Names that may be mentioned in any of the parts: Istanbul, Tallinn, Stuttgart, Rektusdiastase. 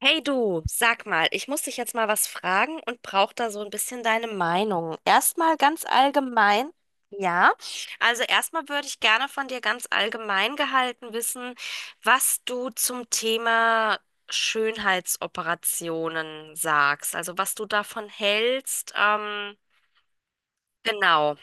Hey du, sag mal, ich muss dich jetzt mal was fragen und brauche da so ein bisschen deine Meinung. Erstmal ganz allgemein, ja. Also erstmal würde ich gerne von dir ganz allgemein gehalten wissen, was du zum Thema Schönheitsoperationen sagst. Also was du davon hältst. Genau.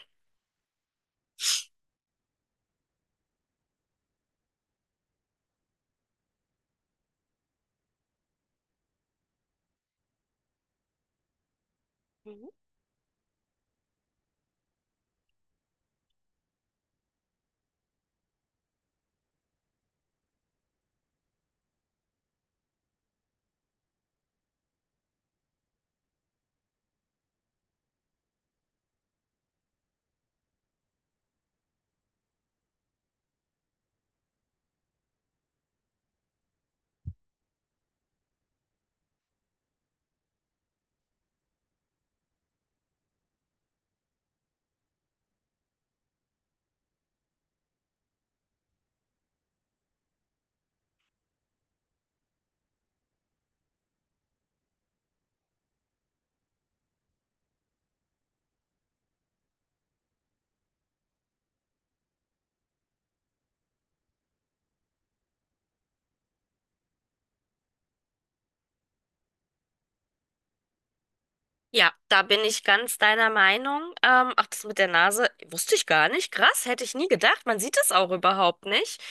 Ja, da bin ich ganz deiner Meinung. Ach, das mit der Nase wusste ich gar nicht. Krass, hätte ich nie gedacht. Man sieht es auch überhaupt nicht.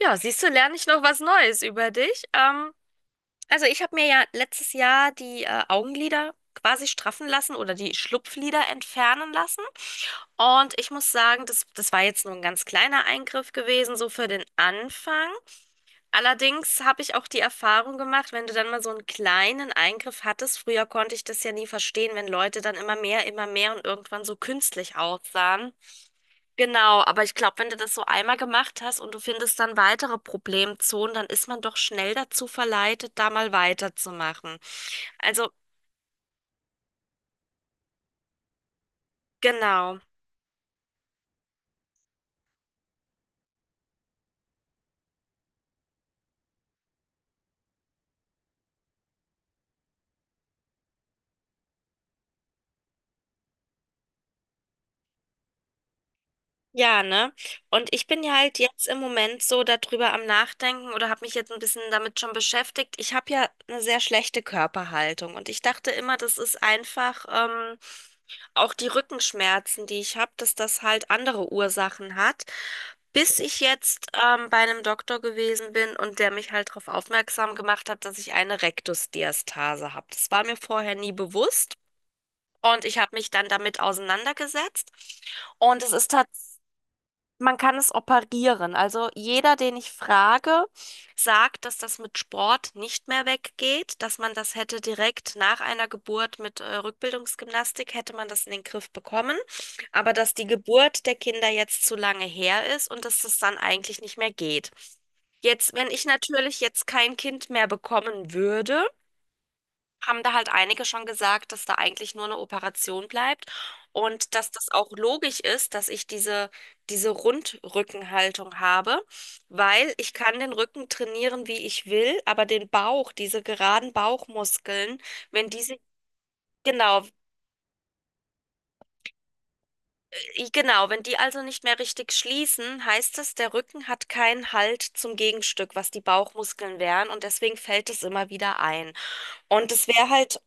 Ja, siehst du, lerne ich noch was Neues über dich. Also ich habe mir ja letztes Jahr die Augenlider quasi straffen lassen oder die Schlupflider entfernen lassen. Und ich muss sagen, das war jetzt nur ein ganz kleiner Eingriff gewesen, so für den Anfang. Allerdings habe ich auch die Erfahrung gemacht, wenn du dann mal so einen kleinen Eingriff hattest, früher konnte ich das ja nie verstehen, wenn Leute dann immer mehr und irgendwann so künstlich aussahen. Genau, aber ich glaube, wenn du das so einmal gemacht hast und du findest dann weitere Problemzonen, dann ist man doch schnell dazu verleitet, da mal weiterzumachen. Also, genau. Ja, ne? Und ich bin ja halt jetzt im Moment so darüber am Nachdenken oder habe mich jetzt ein bisschen damit schon beschäftigt. Ich habe ja eine sehr schlechte Körperhaltung und ich dachte immer, das ist einfach auch die Rückenschmerzen, die ich habe, dass das halt andere Ursachen hat. Bis ich jetzt bei einem Doktor gewesen bin und der mich halt darauf aufmerksam gemacht hat, dass ich eine Rektusdiastase habe. Das war mir vorher nie bewusst. Und ich habe mich dann damit auseinandergesetzt. Und es ist tatsächlich man kann es operieren. Also jeder, den ich frage, sagt, dass das mit Sport nicht mehr weggeht, dass man das hätte direkt nach einer Geburt mit Rückbildungsgymnastik, hätte man das in den Griff bekommen, aber dass die Geburt der Kinder jetzt zu lange her ist und dass das dann eigentlich nicht mehr geht. Jetzt, wenn ich natürlich jetzt kein Kind mehr bekommen würde, haben da halt einige schon gesagt, dass da eigentlich nur eine Operation bleibt und dass das auch logisch ist, dass ich diese Rundrückenhaltung habe, weil ich kann den Rücken trainieren, wie ich will, aber den Bauch, diese geraden Bauchmuskeln, wenn die sich Genau, genau. Wenn die also nicht mehr richtig schließen, heißt es, der Rücken hat keinen Halt zum Gegenstück, was die Bauchmuskeln wären und deswegen fällt es immer wieder ein. Und es wäre halt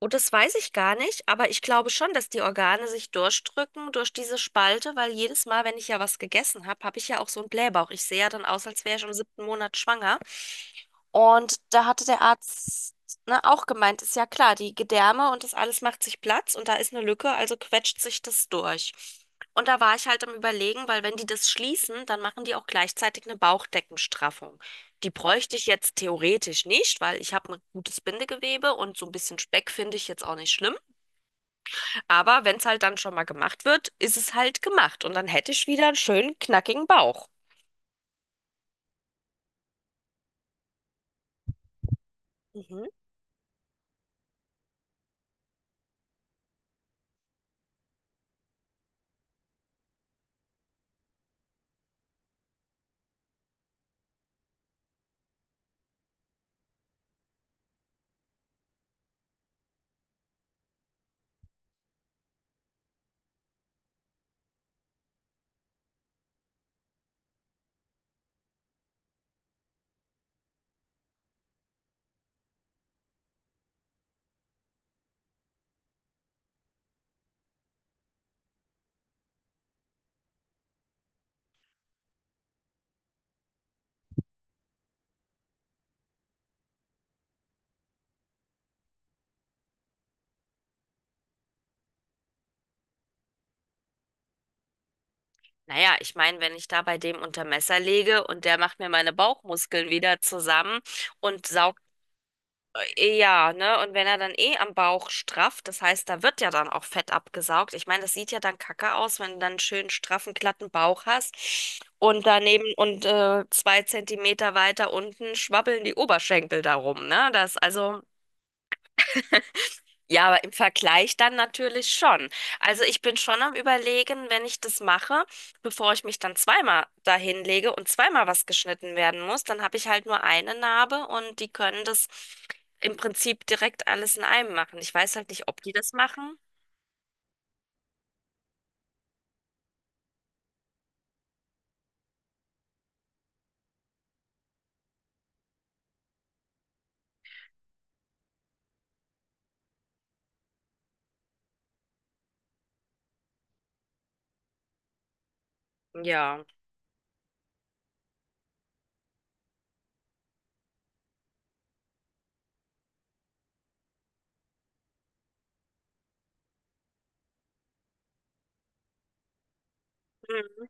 Oh, das weiß ich gar nicht, aber ich glaube schon, dass die Organe sich durchdrücken durch diese Spalte, weil jedes Mal, wenn ich ja was gegessen habe, habe ich ja auch so einen Blähbauch. Ich sehe ja dann aus, als wäre ich im siebten Monat schwanger. Und da hatte der Arzt, ne, auch gemeint, ist ja klar, die Gedärme und das alles macht sich Platz und da ist eine Lücke, also quetscht sich das durch. Und da war ich halt am Überlegen, weil wenn die das schließen, dann machen die auch gleichzeitig eine Bauchdeckenstraffung. Die bräuchte ich jetzt theoretisch nicht, weil ich habe ein gutes Bindegewebe und so ein bisschen Speck finde ich jetzt auch nicht schlimm. Aber wenn es halt dann schon mal gemacht wird, ist es halt gemacht und dann hätte ich wieder einen schönen, knackigen Bauch. Mhm. Naja, ich meine, wenn ich da bei dem unter Messer lege und der macht mir meine Bauchmuskeln wieder zusammen und saugt, ja, ne? Und wenn er dann eh am Bauch strafft, das heißt, da wird ja dann auch Fett abgesaugt. Ich meine, das sieht ja dann kacke aus, wenn du dann einen schönen, straffen, glatten Bauch hast und daneben und 2 Zentimeter weiter unten schwabbeln die Oberschenkel darum, ne? Das, also. Ja, aber im Vergleich dann natürlich schon. Also ich bin schon am Überlegen, wenn ich das mache, bevor ich mich dann zweimal dahin lege und zweimal was geschnitten werden muss, dann habe ich halt nur eine Narbe und die können das im Prinzip direkt alles in einem machen. Ich weiß halt nicht, ob die das machen. Ja. Hm.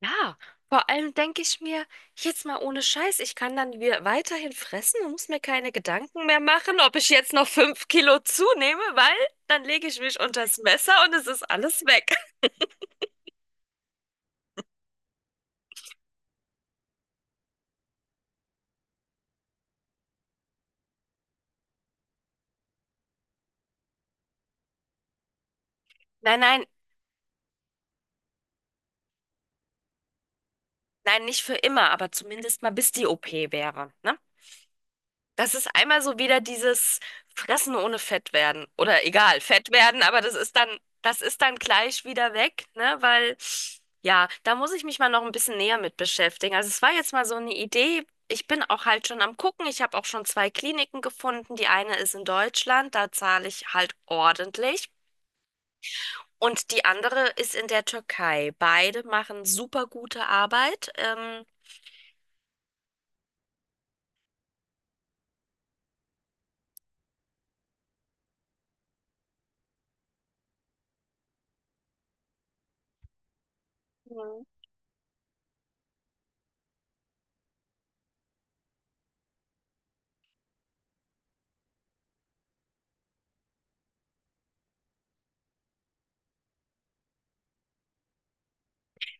Ja, vor allem denke ich mir, jetzt mal ohne Scheiß, ich kann dann weiterhin fressen und muss mir keine Gedanken mehr machen, ob ich jetzt noch 5 Kilo zunehme, weil dann lege ich mich unters Messer und es ist alles weg. Nein, nein, nein, nicht für immer, aber zumindest mal bis die OP wäre, ne? Das ist einmal so wieder dieses Fressen ohne Fett werden oder egal, Fett werden, aber das ist dann gleich wieder weg, ne? Weil, ja, da muss ich mich mal noch ein bisschen näher mit beschäftigen. Also es war jetzt mal so eine Idee. Ich bin auch halt schon am Gucken. Ich habe auch schon zwei Kliniken gefunden. Die eine ist in Deutschland, da zahle ich halt ordentlich. Und die andere ist in der Türkei. Beide machen super gute Arbeit.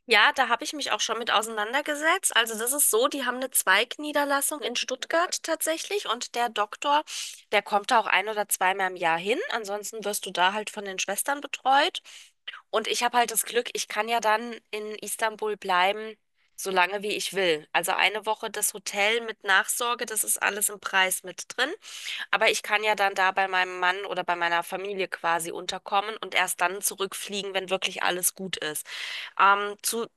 Ja, da habe ich mich auch schon mit auseinandergesetzt. Also das ist so, die haben eine Zweigniederlassung in Stuttgart tatsächlich und der Doktor, der kommt da auch ein oder zweimal im Jahr hin. Ansonsten wirst du da halt von den Schwestern betreut. Und ich habe halt das Glück, ich kann ja dann in Istanbul bleiben, solange wie ich will. Also eine Woche das Hotel mit Nachsorge, das ist alles im Preis mit drin. Aber ich kann ja dann da bei meinem Mann oder bei meiner Familie quasi unterkommen und erst dann zurückfliegen, wenn wirklich alles gut ist. Zu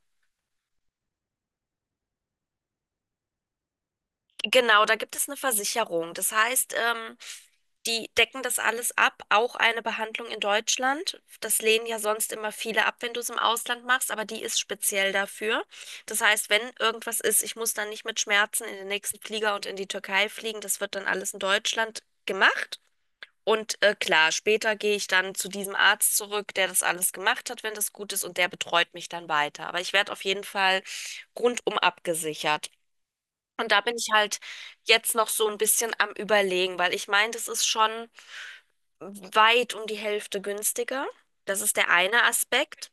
Genau, da gibt es eine Versicherung. Das heißt, die decken das alles ab, auch eine Behandlung in Deutschland. Das lehnen ja sonst immer viele ab, wenn du es im Ausland machst, aber die ist speziell dafür. Das heißt, wenn irgendwas ist, ich muss dann nicht mit Schmerzen in den nächsten Flieger und in die Türkei fliegen. Das wird dann alles in Deutschland gemacht. Und klar, später gehe ich dann zu diesem Arzt zurück, der das alles gemacht hat, wenn das gut ist, und der betreut mich dann weiter. Aber ich werde auf jeden Fall rundum abgesichert. Und da bin ich halt jetzt noch so ein bisschen am Überlegen, weil ich meine, das ist schon weit um die Hälfte günstiger. Das ist der eine Aspekt.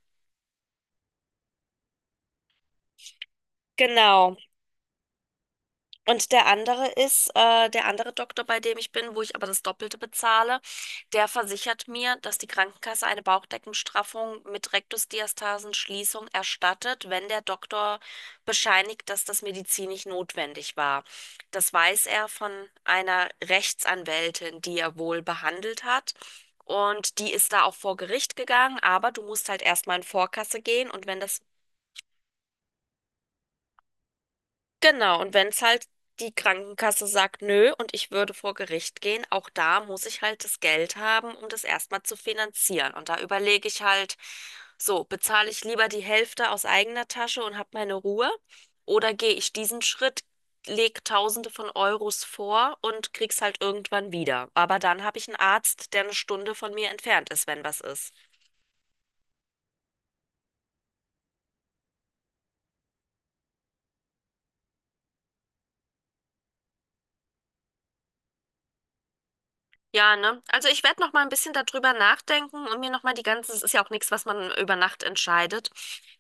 Genau. Und der andere ist, der andere Doktor, bei dem ich bin, wo ich aber das Doppelte bezahle, der versichert mir, dass die Krankenkasse eine Bauchdeckenstraffung mit Rektusdiastasenschließung erstattet, wenn der Doktor bescheinigt, dass das medizinisch notwendig war. Das weiß er von einer Rechtsanwältin, die er wohl behandelt hat. Und die ist da auch vor Gericht gegangen, aber du musst halt erstmal in Vorkasse gehen und wenn das Genau, und wenn es halt die Krankenkasse sagt, nö, und ich würde vor Gericht gehen, auch da muss ich halt das Geld haben, um das erstmal zu finanzieren. Und da überlege ich halt, so, bezahle ich lieber die Hälfte aus eigener Tasche und habe meine Ruhe, oder gehe ich diesen Schritt, lege Tausende von Euros vor und krieg's halt irgendwann wieder. Aber dann habe ich einen Arzt, der eine Stunde von mir entfernt ist, wenn was ist. Ja, ne? Also ich werde noch mal ein bisschen darüber nachdenken und mir noch mal die ganze, es ist ja auch nichts, was man über Nacht entscheidet.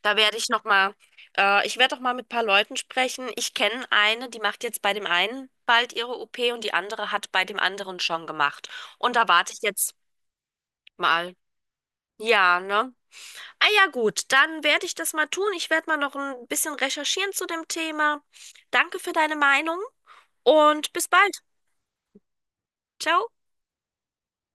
Da werde ich noch mal, ich werde doch mal mit ein paar Leuten sprechen. Ich kenne eine, die macht jetzt bei dem einen bald ihre OP und die andere hat bei dem anderen schon gemacht. Und da warte ich jetzt mal. Ja, ne? Ah ja, gut, dann werde ich das mal tun. Ich werde mal noch ein bisschen recherchieren zu dem Thema. Danke für deine Meinung und bis bald. Ciao.